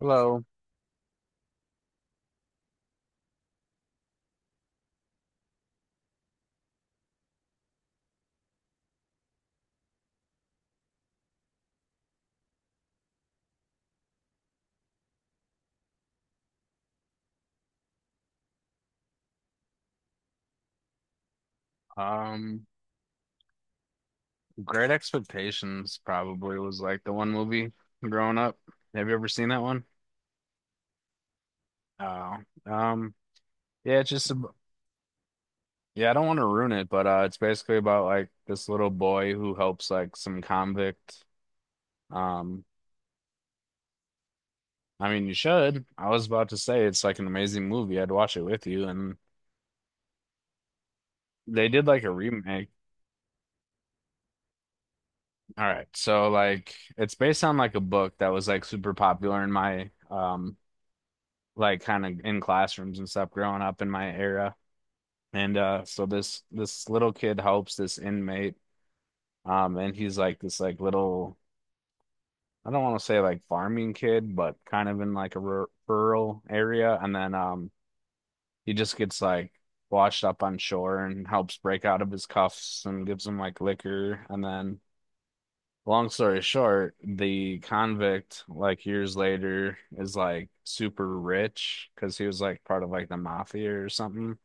Hello. Um, Great Expectations probably was like the one movie growing up. Have you ever seen that one? Oh, um, yeah, it's just yeah, I don't want to ruin it, but it's basically about like this little boy who helps like some convict. Um, I mean, you should. I was about to say it's like an amazing movie. I'd watch it with you, and they did like a remake. All right, so like it's based on like a book that was like super popular in my like kind of in classrooms and stuff growing up in my era. And so this little kid helps this inmate. And he's like this like little, I don't want to say like farming kid, but kind of in like a rural area, and then he just gets like washed up on shore and helps break out of his cuffs and gives him like liquor, and then long story short, the convict, like years later, is like super rich because he was like part of like the mafia or something.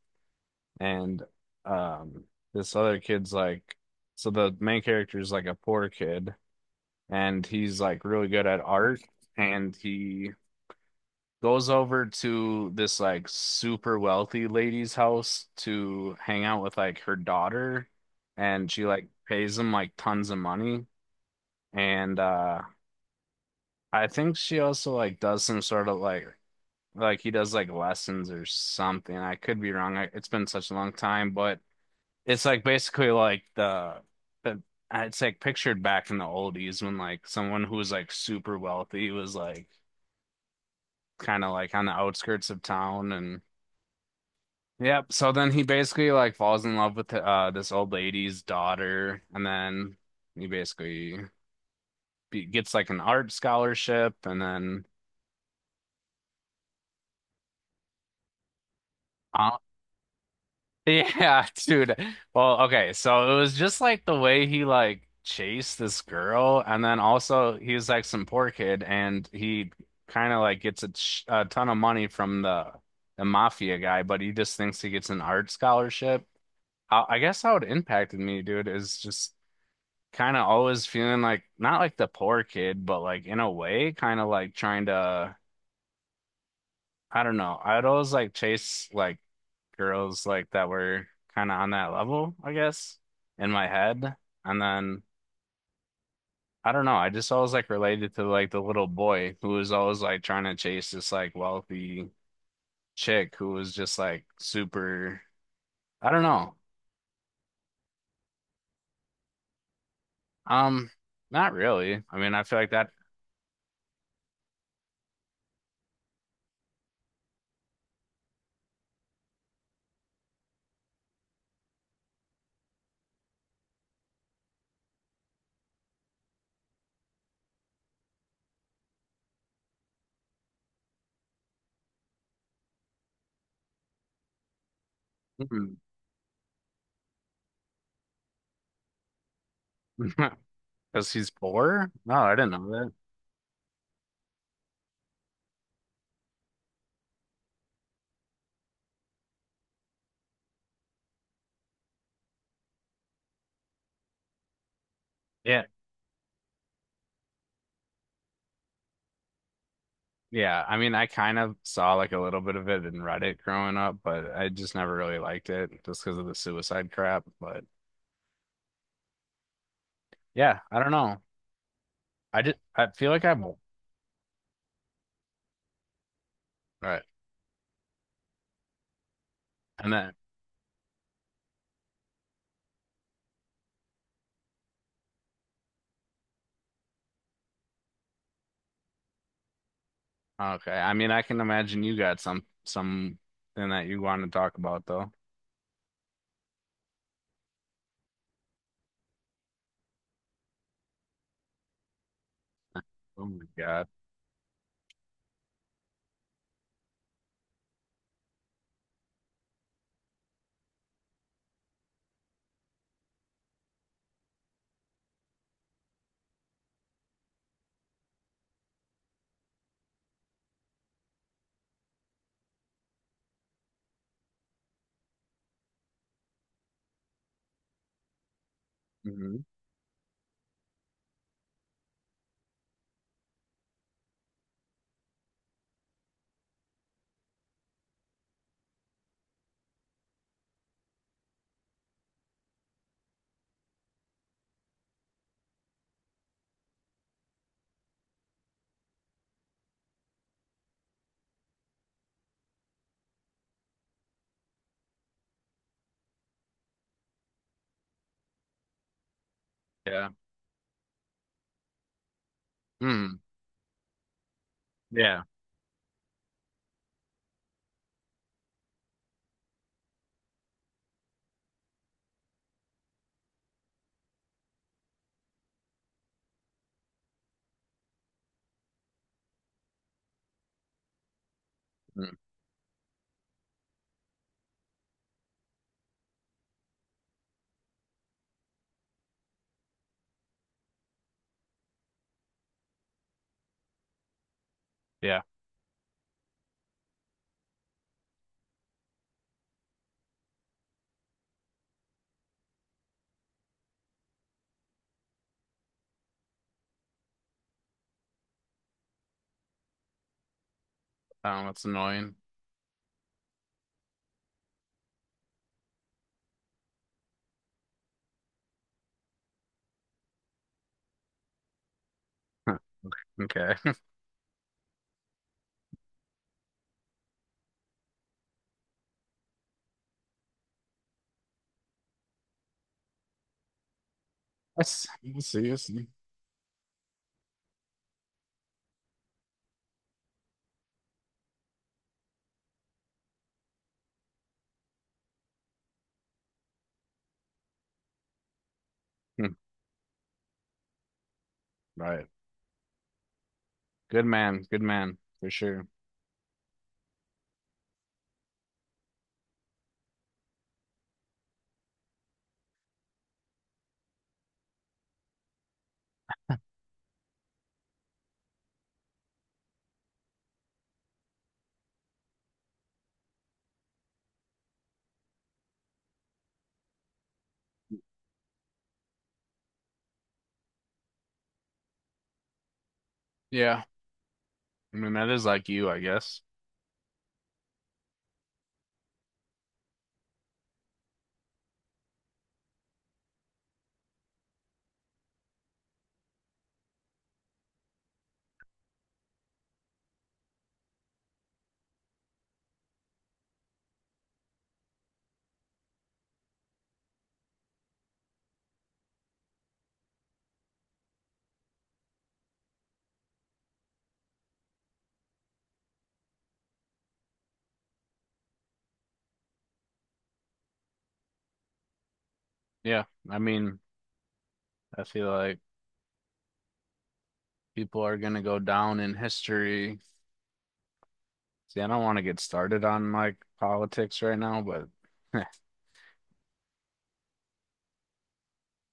And um this other kid's like, so the main character is like a poor kid, and he's like really good at art, and he goes over to this like super wealthy lady's house to hang out with like her daughter, and she like pays him like tons of money. And I think she also like does some sort of like he does like lessons or something. I could be wrong. It's been such a long time, but it's like basically like the it's like pictured back in the oldies when like someone who was like super wealthy was like kind of like on the outskirts of town, and yep. So then he basically like falls in love with this old lady's daughter, and then he basically gets like an art scholarship, and then on. Yeah, dude. Well, okay, so it was just like the way he like chased this girl, and then also he's like some poor kid, and he kind of like gets a ton of money from the mafia guy, but he just thinks he gets an art scholarship. I guess how it impacted me, dude, is just kind of always feeling like not like the poor kid, but like in a way, kind of like trying to. I don't know. I'd always like chase like girls like that were kind of on that level, I guess, in my head. And then I don't know. I just always like related to like the little boy who was always like trying to chase this like wealthy chick who was just like super. I don't know. Um, not really. I mean, I feel like that. Because he's poor. No, I didn't know that. Yeah. Yeah, I mean, I kind of saw like a little bit of it in Reddit growing up, but I just never really liked it just because of the suicide crap. But yeah, I don't know. I feel like I'm all right. And then okay, I mean, I can imagine you got some something that you want to talk about though. Oh my God. Hmm. Yeah. Mm. Yeah. Mm. Yeah. That's annoying. Huh. Okay. I see. I see. I see. Hmm. Right. Good man. Good man for sure. Yeah. I mean, that is like you, I guess. Yeah, I mean, I feel like people are gonna go down in history. See, I don't want to get started on like politics right now, but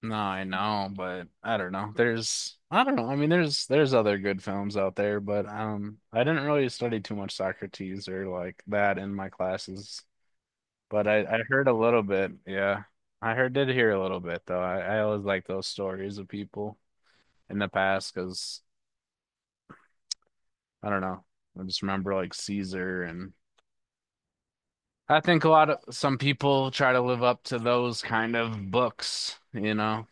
no, I know, but I don't know. I don't know. I mean, there's other good films out there, but I didn't really study too much Socrates or like that in my classes, but I heard a little bit. Yeah, I heard did hear a little bit though. I always like those stories of people in the past because I don't know. I just remember like Caesar, and I think a lot of some people try to live up to those kind of books, you know.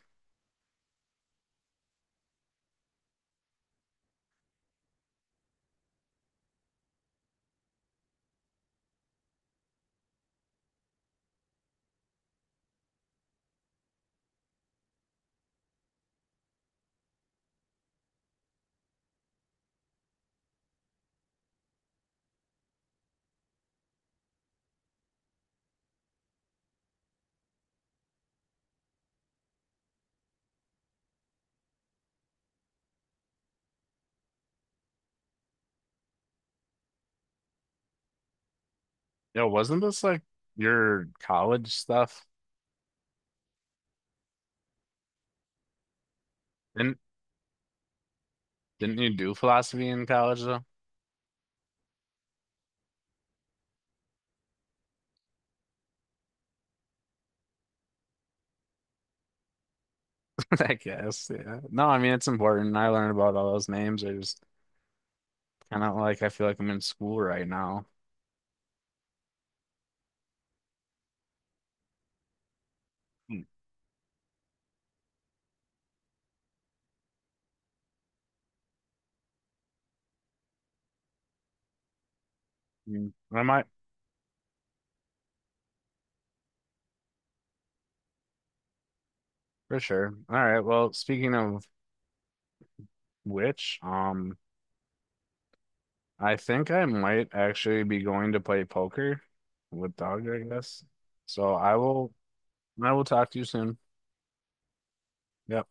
Yo, wasn't this like your college stuff? Didn't didn't you do philosophy in college though? I guess, yeah. No, I mean it's important. I learned about all those names. I just kind of like I feel like I'm in school right now. Hmm. Mm, I might for sure. All right. Well, speaking of which, I think I might actually be going to play poker with Dog, I guess. So I will talk to you soon. Yeah.